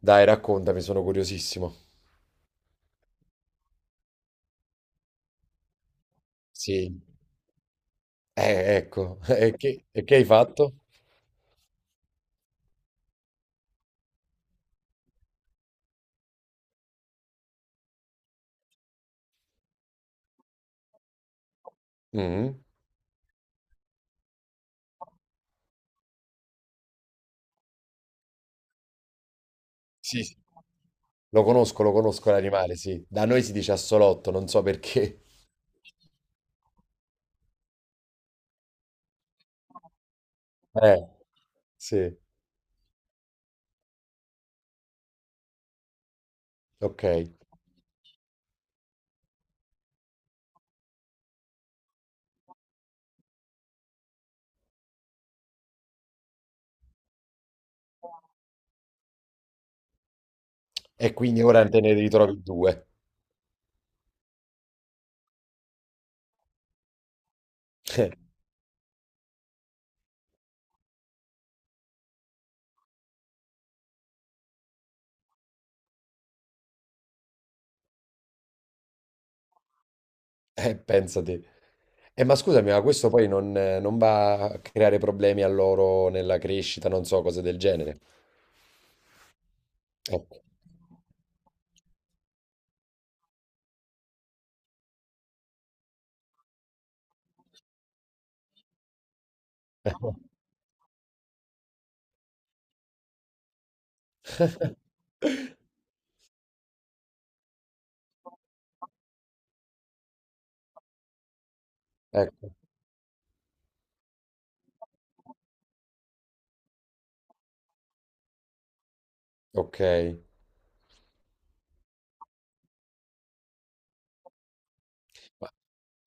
Dai, raccontami, sono curiosissimo. Sì. Ecco. E che hai fatto? Mhm. Sì, sì. Lo conosco l'animale, sì. Da noi si dice assolotto, non so perché. Eh, sì, ok. E quindi ora te ne ritrovi due. Pensate. Ma scusami, ma questo poi non va a creare problemi a loro nella crescita, non so, cose del genere. Ecco. Ecco, ok. Ma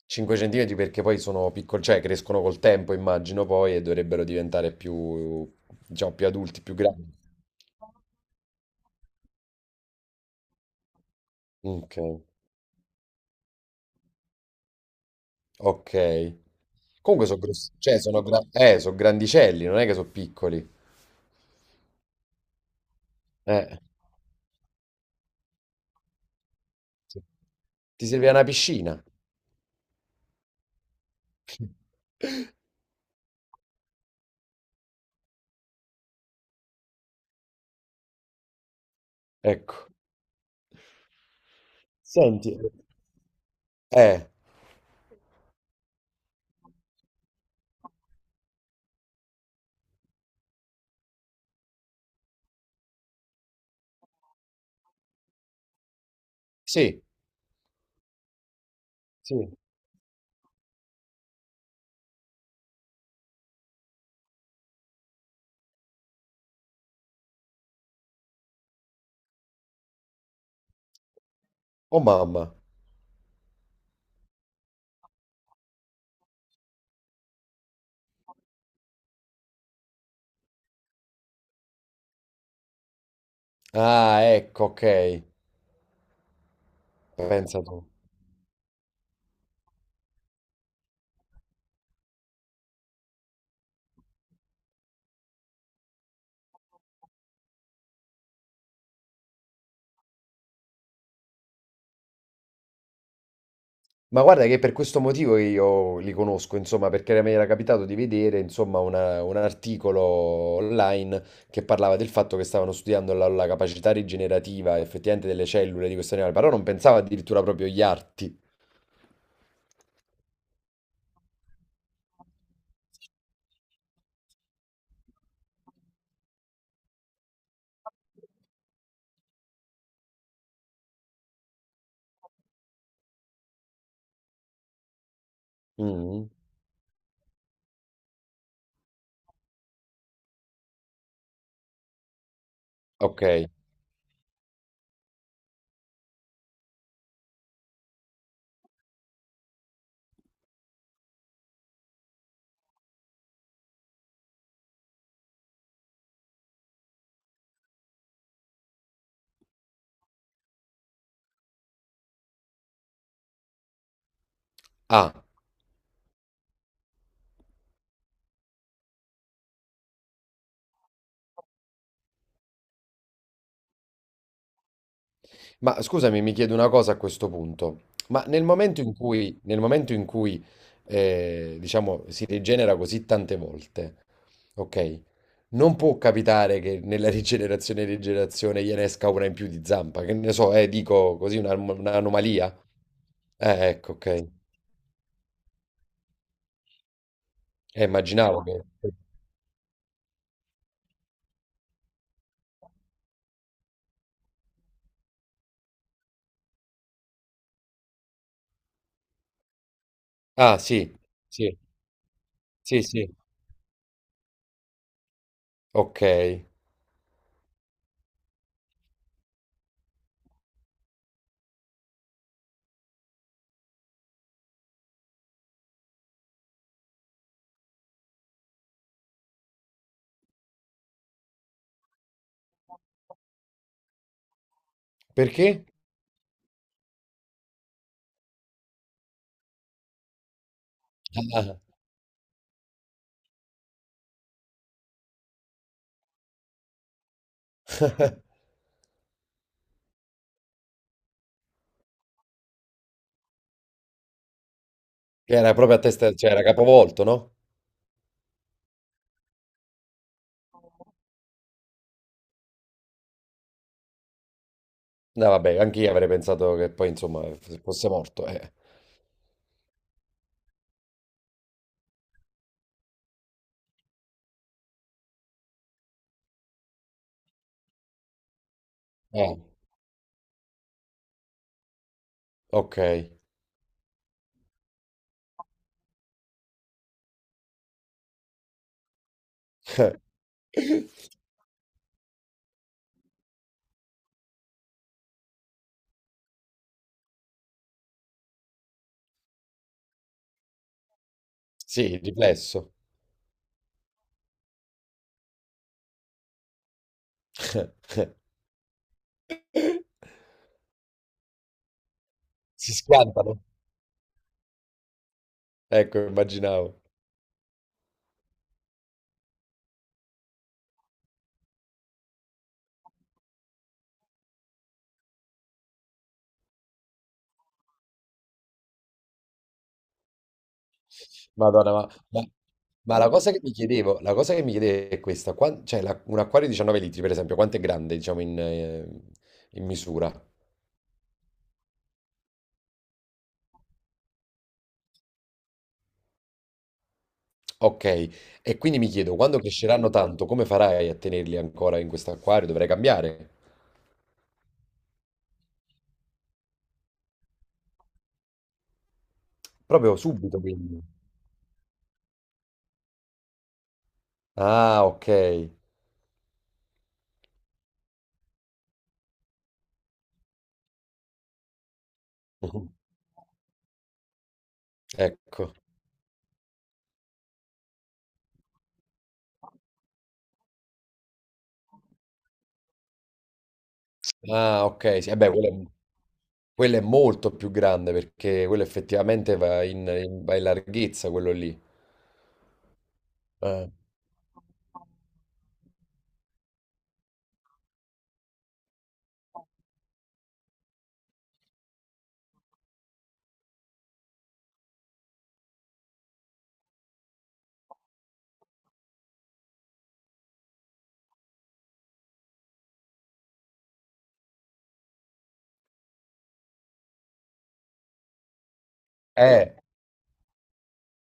5 centimetri perché poi sono piccoli, cioè crescono col tempo, immagino poi, e dovrebbero diventare più, diciamo, più adulti, più grandi. Ok, ok. Comunque sono grossi, cioè sono grandicelli, non è che sono piccoli. Eh. Sì. Ti serve una piscina. Ecco. Senti. Eh, eh, sì, sì. Oh mamma. Ah, ecco, ok. Pensa tu. Ma guarda che è per questo motivo che io li conosco, insomma, perché mi era capitato di vedere, insomma, un articolo online che parlava del fatto che stavano studiando la capacità rigenerativa effettivamente delle cellule di questo animale, però non pensavo addirittura proprio agli arti. Mm, ok. Ah. Ma scusami, mi chiedo una cosa a questo punto. Ma nel momento in cui diciamo, si rigenera così tante volte, ok? Non può capitare che nella rigenerazione e rigenerazione gliene esca una in più di zampa, che ne so, dico così, un'anomalia. Ecco, ok. Immaginavo che... Ah, sì, sì, sì, sì. Ok. Perché? Ah. Che era proprio a testa, cioè era capovolto, no? No, vabbè, anche io avrei pensato che poi, insomma, fosse morto. Eh, ok. Sì, il riflesso. Si schiantano. Ecco, immaginavo. Madonna, ma la cosa che mi chiedevo, la cosa che mi chiedevo è questa. Cioè, un acquario di 19 litri, per esempio, quanto è grande, diciamo, in misura? Ok. E quindi mi chiedo, quando cresceranno tanto, come farai a tenerli ancora in questo acquario? Dovrai cambiare. Proprio subito, quindi. Ah, ok. Ecco. Ah, ok, sì, eh beh, quello è molto più grande perché quello effettivamente va in larghezza, quello lì. Eh, eh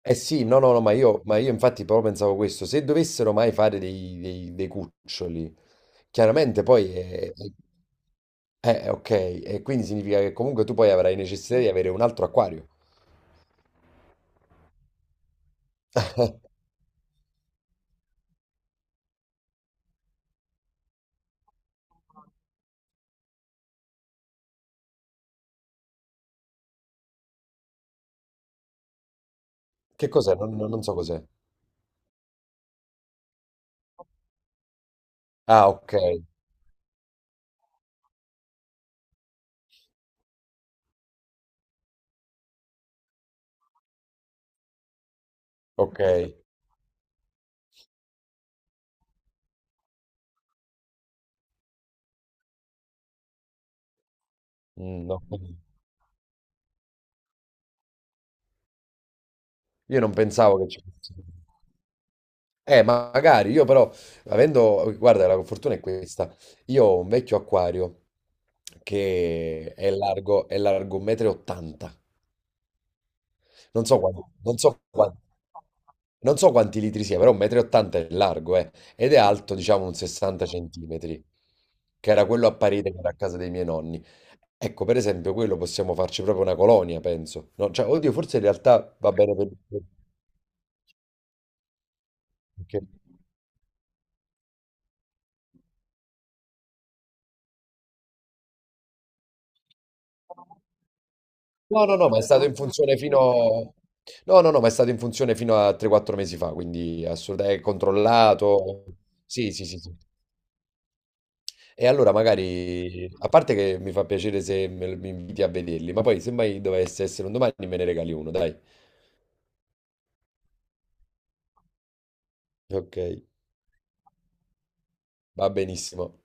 sì, no, no, no, ma io, infatti proprio pensavo questo, se dovessero mai fare dei cuccioli, chiaramente poi ok, e quindi significa che comunque tu poi avrai necessità di avere un altro acquario. Che cos'è? Non so cos'è. Ah, ok, ok. Mm, no. Io non pensavo che ci fosse. Ma magari io però, avendo, guarda, la fortuna è questa. Io ho un vecchio acquario che è largo 1,80 m. Non so quanti, non so quanti, non so quanti litri sia, però 1,80 m è largo, eh. Ed è alto, diciamo, un 60 centimetri, che era quello a parete che era a casa dei miei nonni. Ecco, per esempio, quello possiamo farci proprio una colonia, penso. No, cioè, oddio, forse in realtà va bene per... perché- No, no, no, ma è stato in funzione fino... No, no, no, ma è stato in funzione fino a 3-4 mesi fa, quindi assolutamente è controllato. Sì, sì, sì, sì. E allora magari, a parte che mi fa piacere se mi inviti a vederli, ma poi se mai dovesse essere un domani me ne regali uno, dai. Ok, va benissimo.